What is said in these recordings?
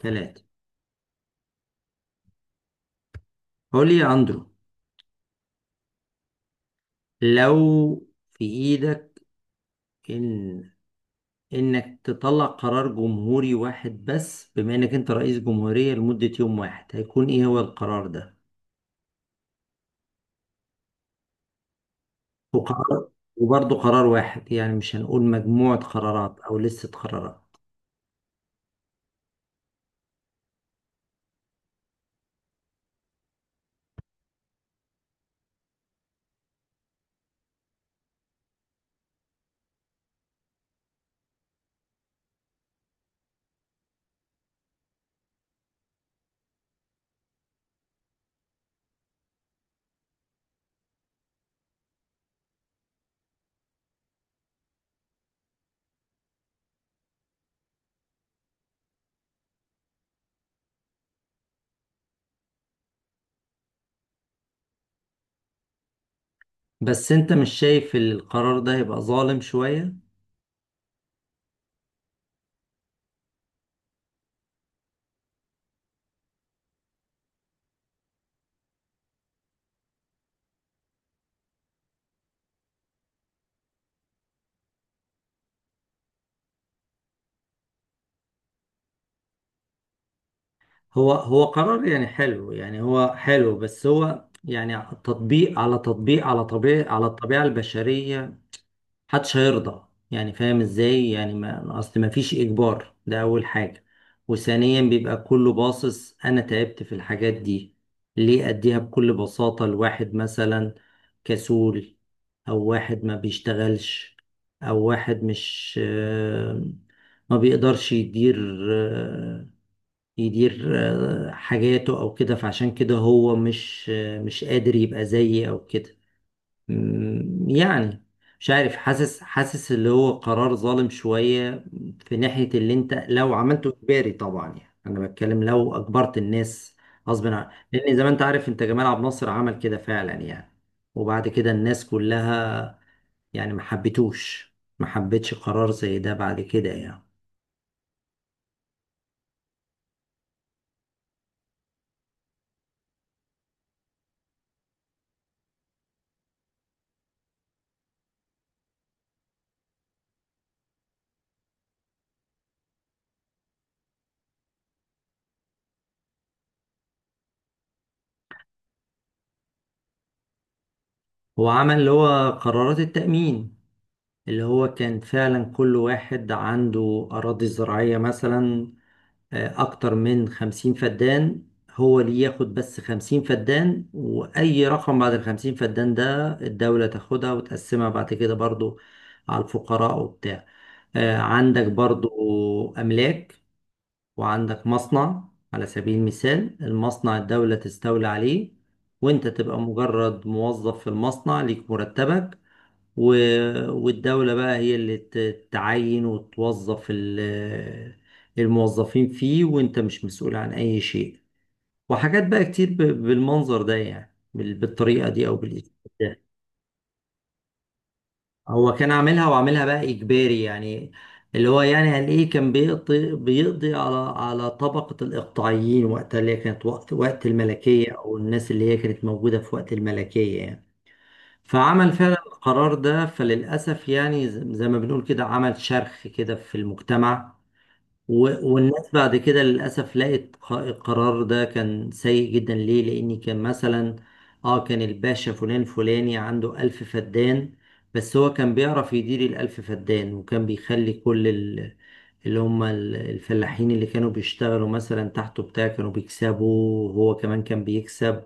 ثلاثة. قول لي يا أندرو، لو في إيدك إن إنك تطلع قرار جمهوري واحد بس، بما إنك أنت رئيس جمهورية لمدة يوم واحد، هيكون إيه هو القرار ده؟ وقرار وبرضه قرار واحد، يعني مش هنقول مجموعة قرارات أو لستة قرارات. بس أنت مش شايف إن القرار ده هيبقى ظالم شوية؟ هو قرار يعني حلو، يعني هو حلو، بس هو يعني تطبيق على طبيعة على الطبيعة البشرية. محدش هيرضى، يعني فاهم ازاي، يعني ما اصل ما فيش اجبار، ده اول حاجة. وثانيا بيبقى كله باصص، انا تعبت في الحاجات دي ليه اديها بكل بساطة لواحد مثلا كسول، او واحد ما بيشتغلش، او واحد مش ما بيقدرش آه، يدير حاجاته او كده، فعشان كده هو مش قادر يبقى زيي او كده. يعني مش عارف، حاسس اللي هو قرار ظالم شوية في ناحية اللي انت لو عملته اجباري. طبعا يعني انا بتكلم لو اجبرت الناس غصب عن، لان زي ما انت عارف، انت جمال عبد الناصر عمل كده فعلا يعني. وبعد كده الناس كلها، يعني ما حبتش قرار زي ده بعد كده يعني. هو عمل اللي هو قرارات التأمين، اللي هو كان فعلا كل واحد عنده أراضي زراعية مثلا أكتر من 50 فدان، هو اللي ياخد بس 50 فدان، وأي رقم بعد الـ50 فدان ده الدولة تاخدها وتقسمها بعد كده برضو على الفقراء وبتاع. عندك برضو أملاك، وعندك مصنع على سبيل المثال، المصنع الدولة تستولي عليه، وانت تبقى مجرد موظف في المصنع ليك مرتبك، و... والدولة بقى هي اللي تعين وتوظف الموظفين فيه، وانت مش مسؤول عن اي شيء. وحاجات بقى كتير بالمنظر ده، يعني بالطريقة دي او بالاسلوب ده. هو كان عاملها وعاملها بقى اجباري يعني، اللي هو يعني هنلاقيه كان بيقضي على طبقة الإقطاعيين وقتها، اللي هي كانت وقت الملكية، أو الناس اللي هي كانت موجودة في وقت الملكية يعني. فعمل فعلا القرار ده، فللأسف يعني زي ما بنقول كده عمل شرخ كده في المجتمع. والناس بعد كده للأسف لقت القرار ده كان سيء جدا. ليه؟ لأن كان مثلا اه كان الباشا فلان فلاني عنده 1000 فدان، بس هو كان بيعرف يدير الـ1000 فدان، وكان بيخلي كل اللي هم الفلاحين اللي كانوا بيشتغلوا مثلا تحته بتاع كانوا بيكسبوا، وهو كمان كان بيكسب.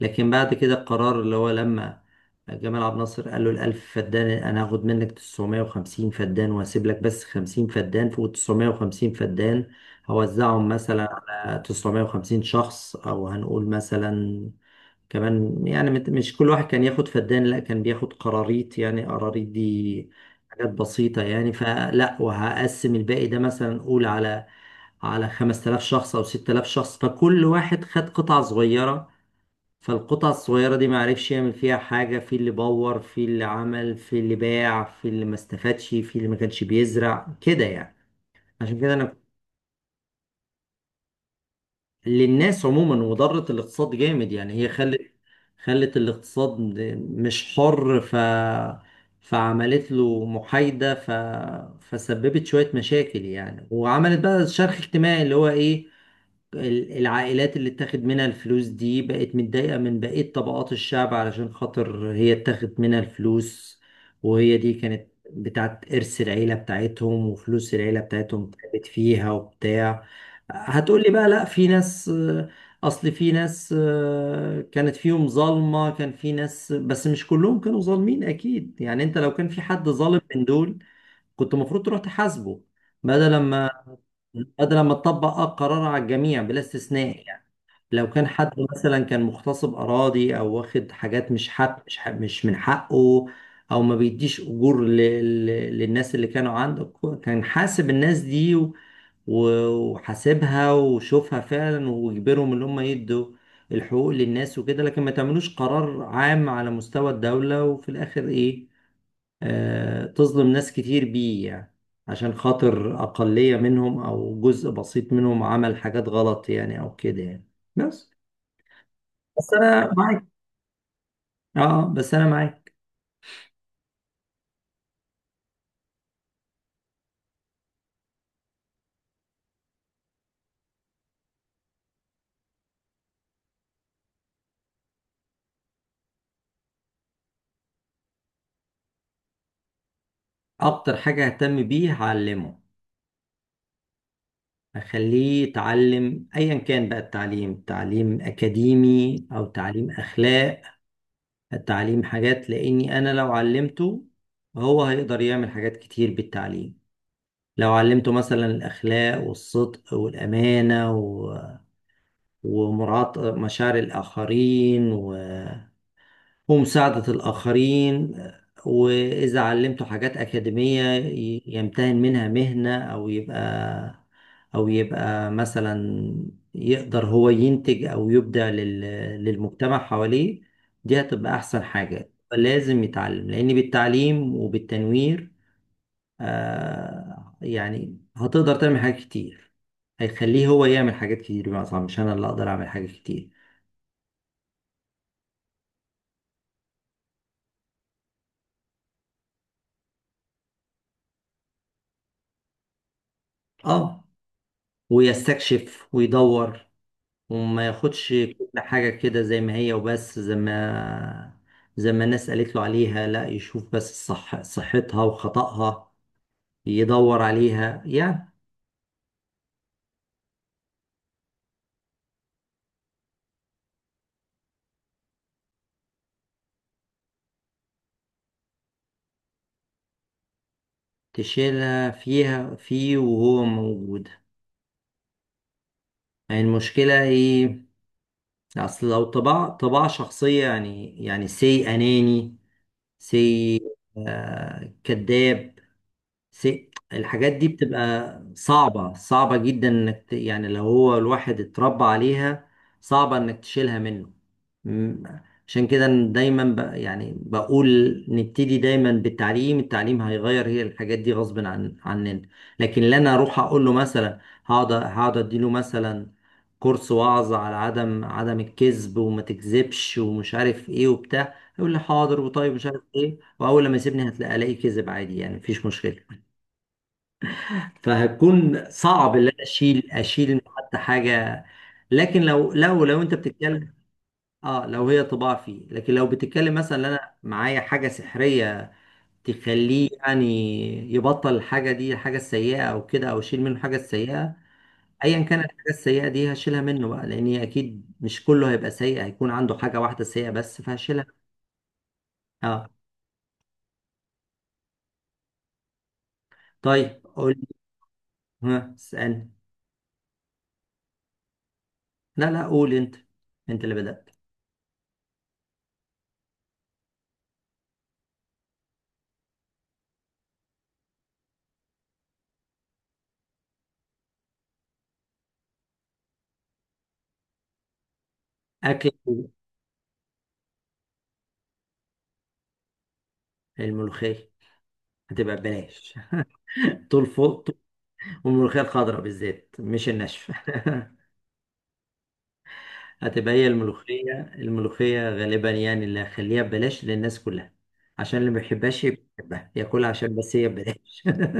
لكن بعد كده القرار اللي هو لما جمال عبد الناصر قال له الـ1000 فدان، أنا هاخد منك 950 فدان وهسيب لك بس 50 فدان. فوق 950 فدان هوزعهم مثلا على 950 شخص، أو هنقول مثلا كمان، يعني مش كل واحد كان ياخد فدان، لا كان بياخد قراريط، يعني قراريط دي حاجات بسيطة يعني. فلا، وهقسم الباقي ده مثلا قول على 5000 شخص أو 6000 شخص، فكل واحد خد قطعة صغيرة، فالقطع الصغيرة دي معرفش يعمل فيها حاجة، في اللي بور، في اللي عمل، في اللي باع، في اللي ما استفادش، في اللي ما كانش بيزرع كده يعني. عشان كده أنا، للناس عموما، وضرت الاقتصاد جامد يعني. هي خلت الاقتصاد مش حر، فعملت له محايدة، فسببت شوية مشاكل يعني، وعملت بقى شرخ اجتماعي اللي هو ايه، العائلات اللي اتاخد منها الفلوس دي بقت متضايقة من بقية طبقات الشعب علشان خاطر هي اتاخد منها الفلوس، وهي دي كانت بتاعت إرث العيلة بتاعتهم وفلوس العيلة بتاعتهم تعبت فيها وبتاع. هتقولي بقى لا، في ناس آه، أصل في ناس كانت فيهم ظالمة، كان في ناس، بس مش كلهم كانوا ظالمين أكيد يعني. أنت لو كان في حد ظالم من دول، كنت المفروض تروح تحاسبه، بدل ما هذا لما اتطبق قرار على الجميع بلا استثناء يعني. لو كان حد مثلا كان مغتصب اراضي، او واخد حاجات مش حق، مش من حقه، او ما بيديش اجور ل... للناس اللي كانوا عنده، كان حاسب الناس دي وحاسبها وشوفها فعلا، ويجبرهم ان هم يدوا الحقوق للناس وكده. لكن ما تعملوش قرار عام على مستوى الدولة وفي الاخر ايه، تظلم ناس كتير بيه يعني عشان خاطر أقلية منهم أو جزء بسيط منهم عمل حاجات غلط يعني أو كده يعني. بس بس أنا معاك. بس أنا معاك. أكتر حاجة أهتم بيه هعلمه، أخليه يتعلم، أيا كان بقى التعليم، تعليم أكاديمي أو تعليم أخلاق، تعليم حاجات. لأني أنا لو علمته، هو هيقدر يعمل حاجات كتير بالتعليم. لو علمته مثلا الأخلاق والصدق والأمانة، ومراعاة مشاعر الآخرين ومساعدة الآخرين، وإذا علمته حاجات أكاديمية يمتهن منها مهنة، أو يبقى مثلا يقدر هو ينتج أو يبدع للمجتمع حواليه. دي هتبقى أحسن حاجة لازم يتعلم، لأن بالتعليم وبالتنوير يعني هتقدر تعمل حاجات كتير، هيخليه هو يعمل حاجات كتير، بمعنى أصح مش أنا اللي أقدر أعمل حاجات كتير. اه ويستكشف ويدور، وما ياخدش كل حاجة كده زي ما هي وبس، زي ما الناس قالت له عليها، لا يشوف بس صحتها وخطأها، يدور عليها يعني. تشيلها فيه وهو موجود، يعني المشكلة ايه، اصل لو طباع شخصية، يعني سي اناني، سي كذاب، سي الحاجات دي بتبقى صعبة صعبة جدا انك يعني لو هو الواحد اتربى عليها، صعبة انك تشيلها منه. مم. عشان كده أنا دايما يعني بقول نبتدي دايما بالتعليم. التعليم هيغير، هي الحاجات دي غصب عننا. لكن لا، انا اروح اقول له مثلا، هقعد اديله مثلا كورس وعظ على عدم الكذب وما تكذبش ومش عارف ايه وبتاع، يقول لي حاضر وطيب مش عارف ايه، واول لما يسيبني الاقي كذب عادي يعني، مفيش مشكلة. فهتكون صعب ان انا اشيل إنه حتى حاجه، لكن لو انت بتتكلم، اه لو هي طباع فيه. لكن لو بتتكلم مثلا إن انا معايا حاجه سحريه تخليه يعني يبطل الحاجه دي الحاجه السيئه او كده، او اشيل منه الحاجه السيئه، ايا كانت الحاجه السيئه دي هشيلها منه بقى، لان هي اكيد مش كله هيبقى سيء، هيكون عنده حاجه واحده سيئه بس فهشيلها. اه، طيب قول لي. ها اسالني. لا لا، قول انت، انت اللي بدات. اكل. الملوخيه، هتبقى ببلاش طول فوق. والملوخية الخضراء بالذات، مش الناشفة هتبقى هي الملوخية غالبا يعني اللي هخليها ببلاش للناس كلها، عشان اللي ما بيحبهاش يبقى يحبها ياكلها عشان بس هي ببلاش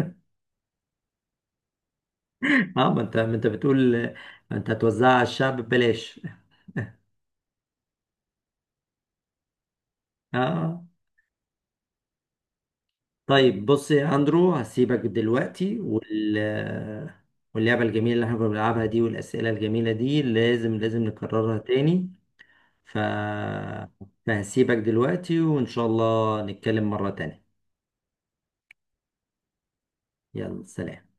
اه، ما انت بتقول، ما انت هتوزعها على الشعب ببلاش. اه، طيب بص يا اندرو، هسيبك دلوقتي واللعبة الجميلة اللي احنا كنا بنلعبها دي والأسئلة الجميلة دي لازم نكررها تاني. ف... فهسيبك دلوقتي، وإن شاء الله نتكلم مرة تانية. يلا سلام.